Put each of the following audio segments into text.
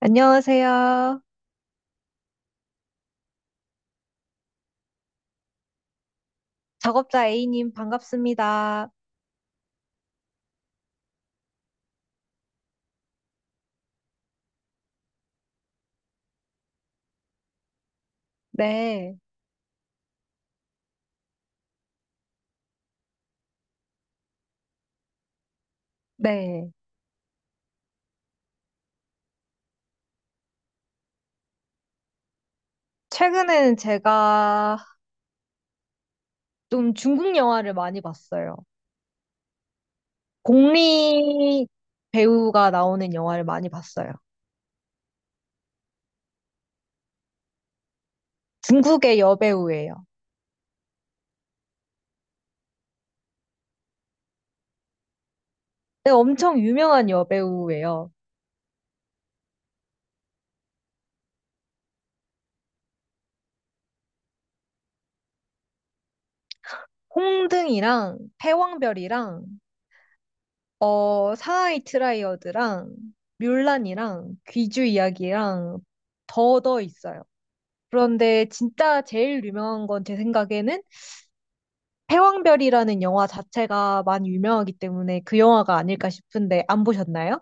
안녕하세요. 작업자 A님 반갑습니다. 네, 네. 최근에는 제가 좀 중국 영화를 많이 봤어요. 공리 배우가 나오는 영화를 많이 봤어요. 중국의 여배우예요. 네, 엄청 유명한 여배우예요. 홍등이랑 패왕별이랑 상하이 트라이어드랑 뮬란이랑 귀주 이야기랑 더 있어요. 그런데 진짜 제일 유명한 건 제 생각에는 패왕별이라는 영화 자체가 많이 유명하기 때문에 그 영화가 아닐까 싶은데 안 보셨나요?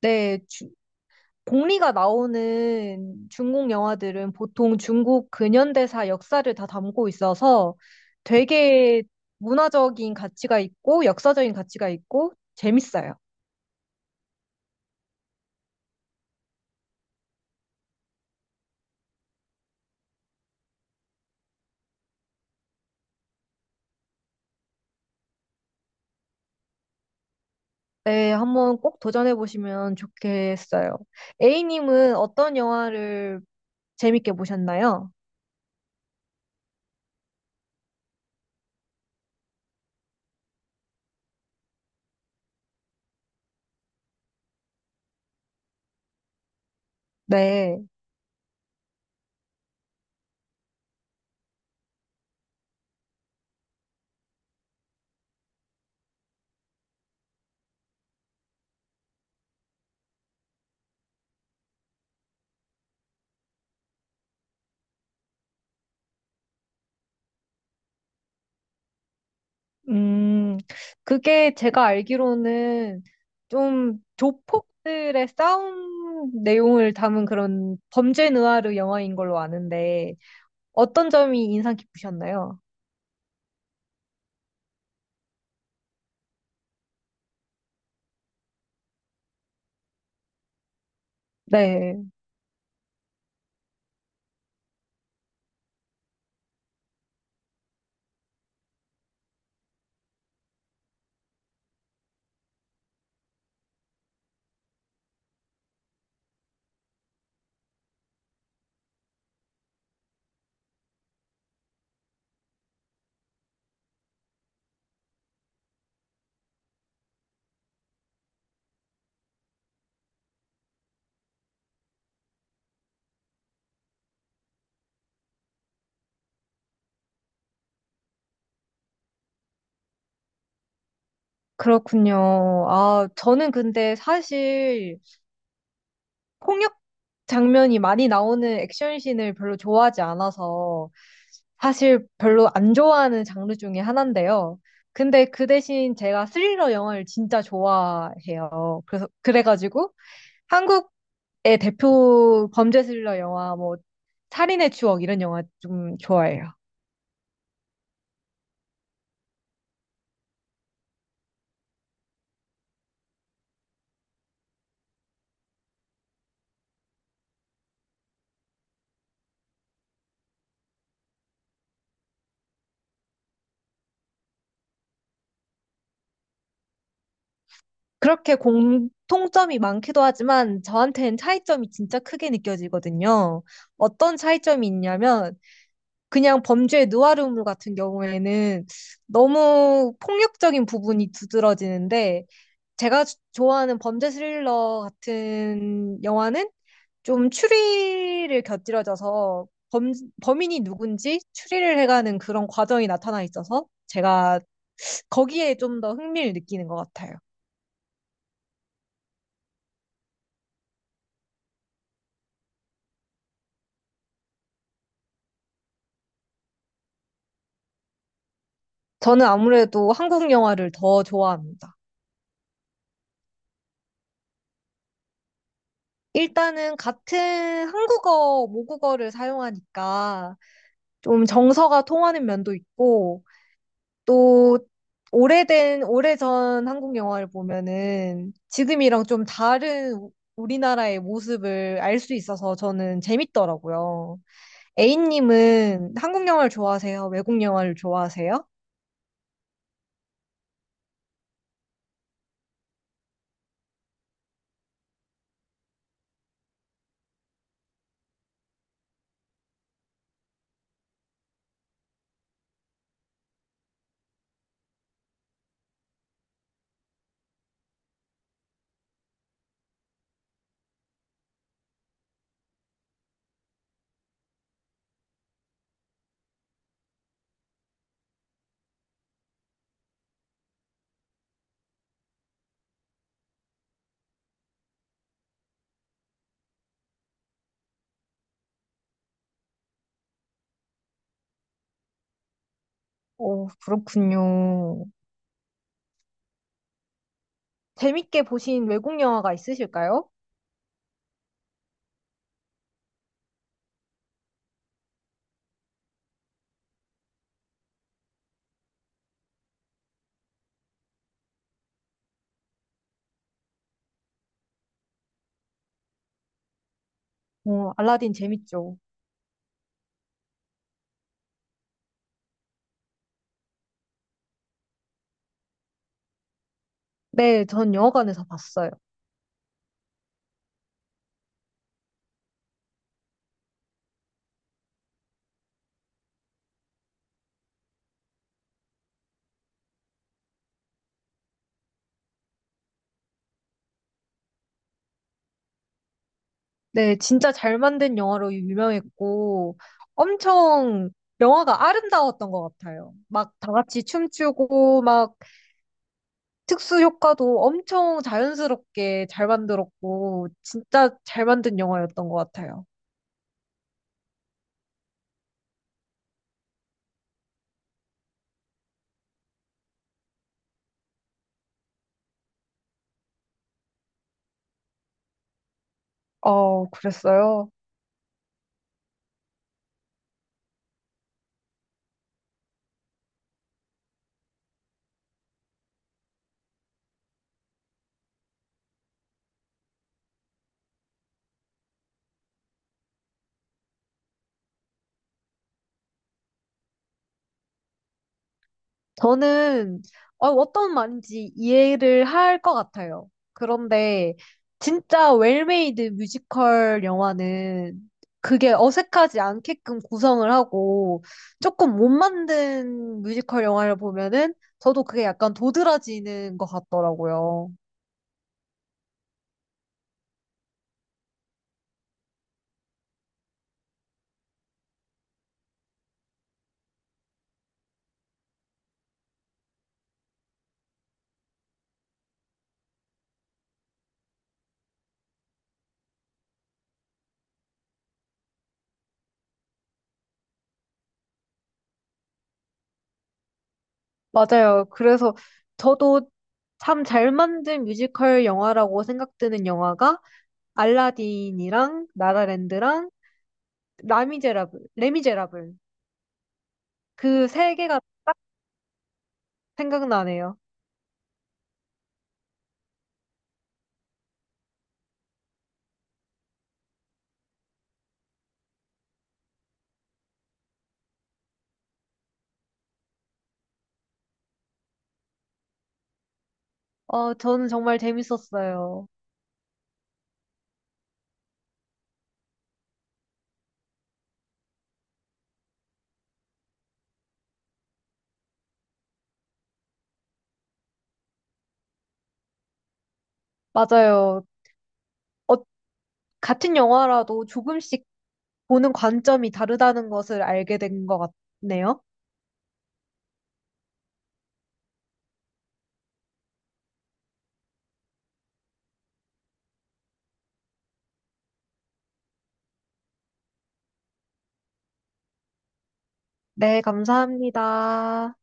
네, 공리가 나오는 중국 영화들은 보통 중국 근현대사 역사를 다 담고 있어서 되게 문화적인 가치가 있고 역사적인 가치가 있고 재밌어요. 네, 한번 꼭 도전해 보시면 좋겠어요. A님은 어떤 영화를 재밌게 보셨나요? 네. 음, 그게 제가 알기로는 좀 조폭들의 싸움 내용을 담은 그런 범죄 느와르 영화인 걸로 아는데 어떤 점이 인상 깊으셨나요? 네, 그렇군요. 아, 저는 근데 사실 폭력 장면이 많이 나오는 액션씬을 별로 좋아하지 않아서 사실 별로 안 좋아하는 장르 중에 하나인데요. 근데 그 대신 제가 스릴러 영화를 진짜 좋아해요. 그래서 그래가지고 한국의 대표 범죄 스릴러 영화 뭐 살인의 추억 이런 영화 좀 좋아해요. 그렇게 공통점이 많기도 하지만 저한테는 차이점이 진짜 크게 느껴지거든요. 어떤 차이점이 있냐면 그냥 범죄의 누아르물 같은 경우에는 너무 폭력적인 부분이 두드러지는데 제가 좋아하는 범죄 스릴러 같은 영화는 좀 추리를 곁들여져서 범인이 누군지 추리를 해가는 그런 과정이 나타나 있어서 제가 거기에 좀 더 흥미를 느끼는 것 같아요. 저는 아무래도 한국 영화를 더 좋아합니다. 일단은 같은 한국어, 모국어를 사용하니까 좀 정서가 통하는 면도 있고, 또 오래된, 오래전 한국 영화를 보면은 지금이랑 좀 다른 우리나라의 모습을 알 수 있어서 저는 재밌더라고요. A님은 한국 영화를 좋아하세요? 외국 영화를 좋아하세요? 오, 그렇군요. 재밌게 보신 외국 영화가 있으실까요? 오, 알라딘 재밌죠. 네, 전 영화관에서 봤어요. 네, 진짜 잘 만든 영화로 유명했고, 엄청 영화가 아름다웠던 것 같아요. 막 다 같이 춤추고, 막 특수 효과도 엄청 자연스럽게 잘 만들었고, 진짜 잘 만든 영화였던 것 같아요. 어, 그랬어요? 저는 어떤 말인지 이해를 할 것 같아요. 그런데 진짜 웰메이드 뮤지컬 영화는 그게 어색하지 않게끔 구성을 하고 조금 못 만든 뮤지컬 영화를 보면은 저도 그게 약간 도드라지는 것 같더라고요. 맞아요. 그래서 저도 참 잘 만든 뮤지컬 영화라고 생각드는 영화가 알라딘이랑 나라랜드랑 라미제라블, 레미제라블 그 세 개가 생각나네요. 어, 저는 정말 재밌었어요. 맞아요. 어, 같은 영화라도 조금씩 보는 관점이 다르다는 것을 알게 된 것 같네요. 네, 감사합니다.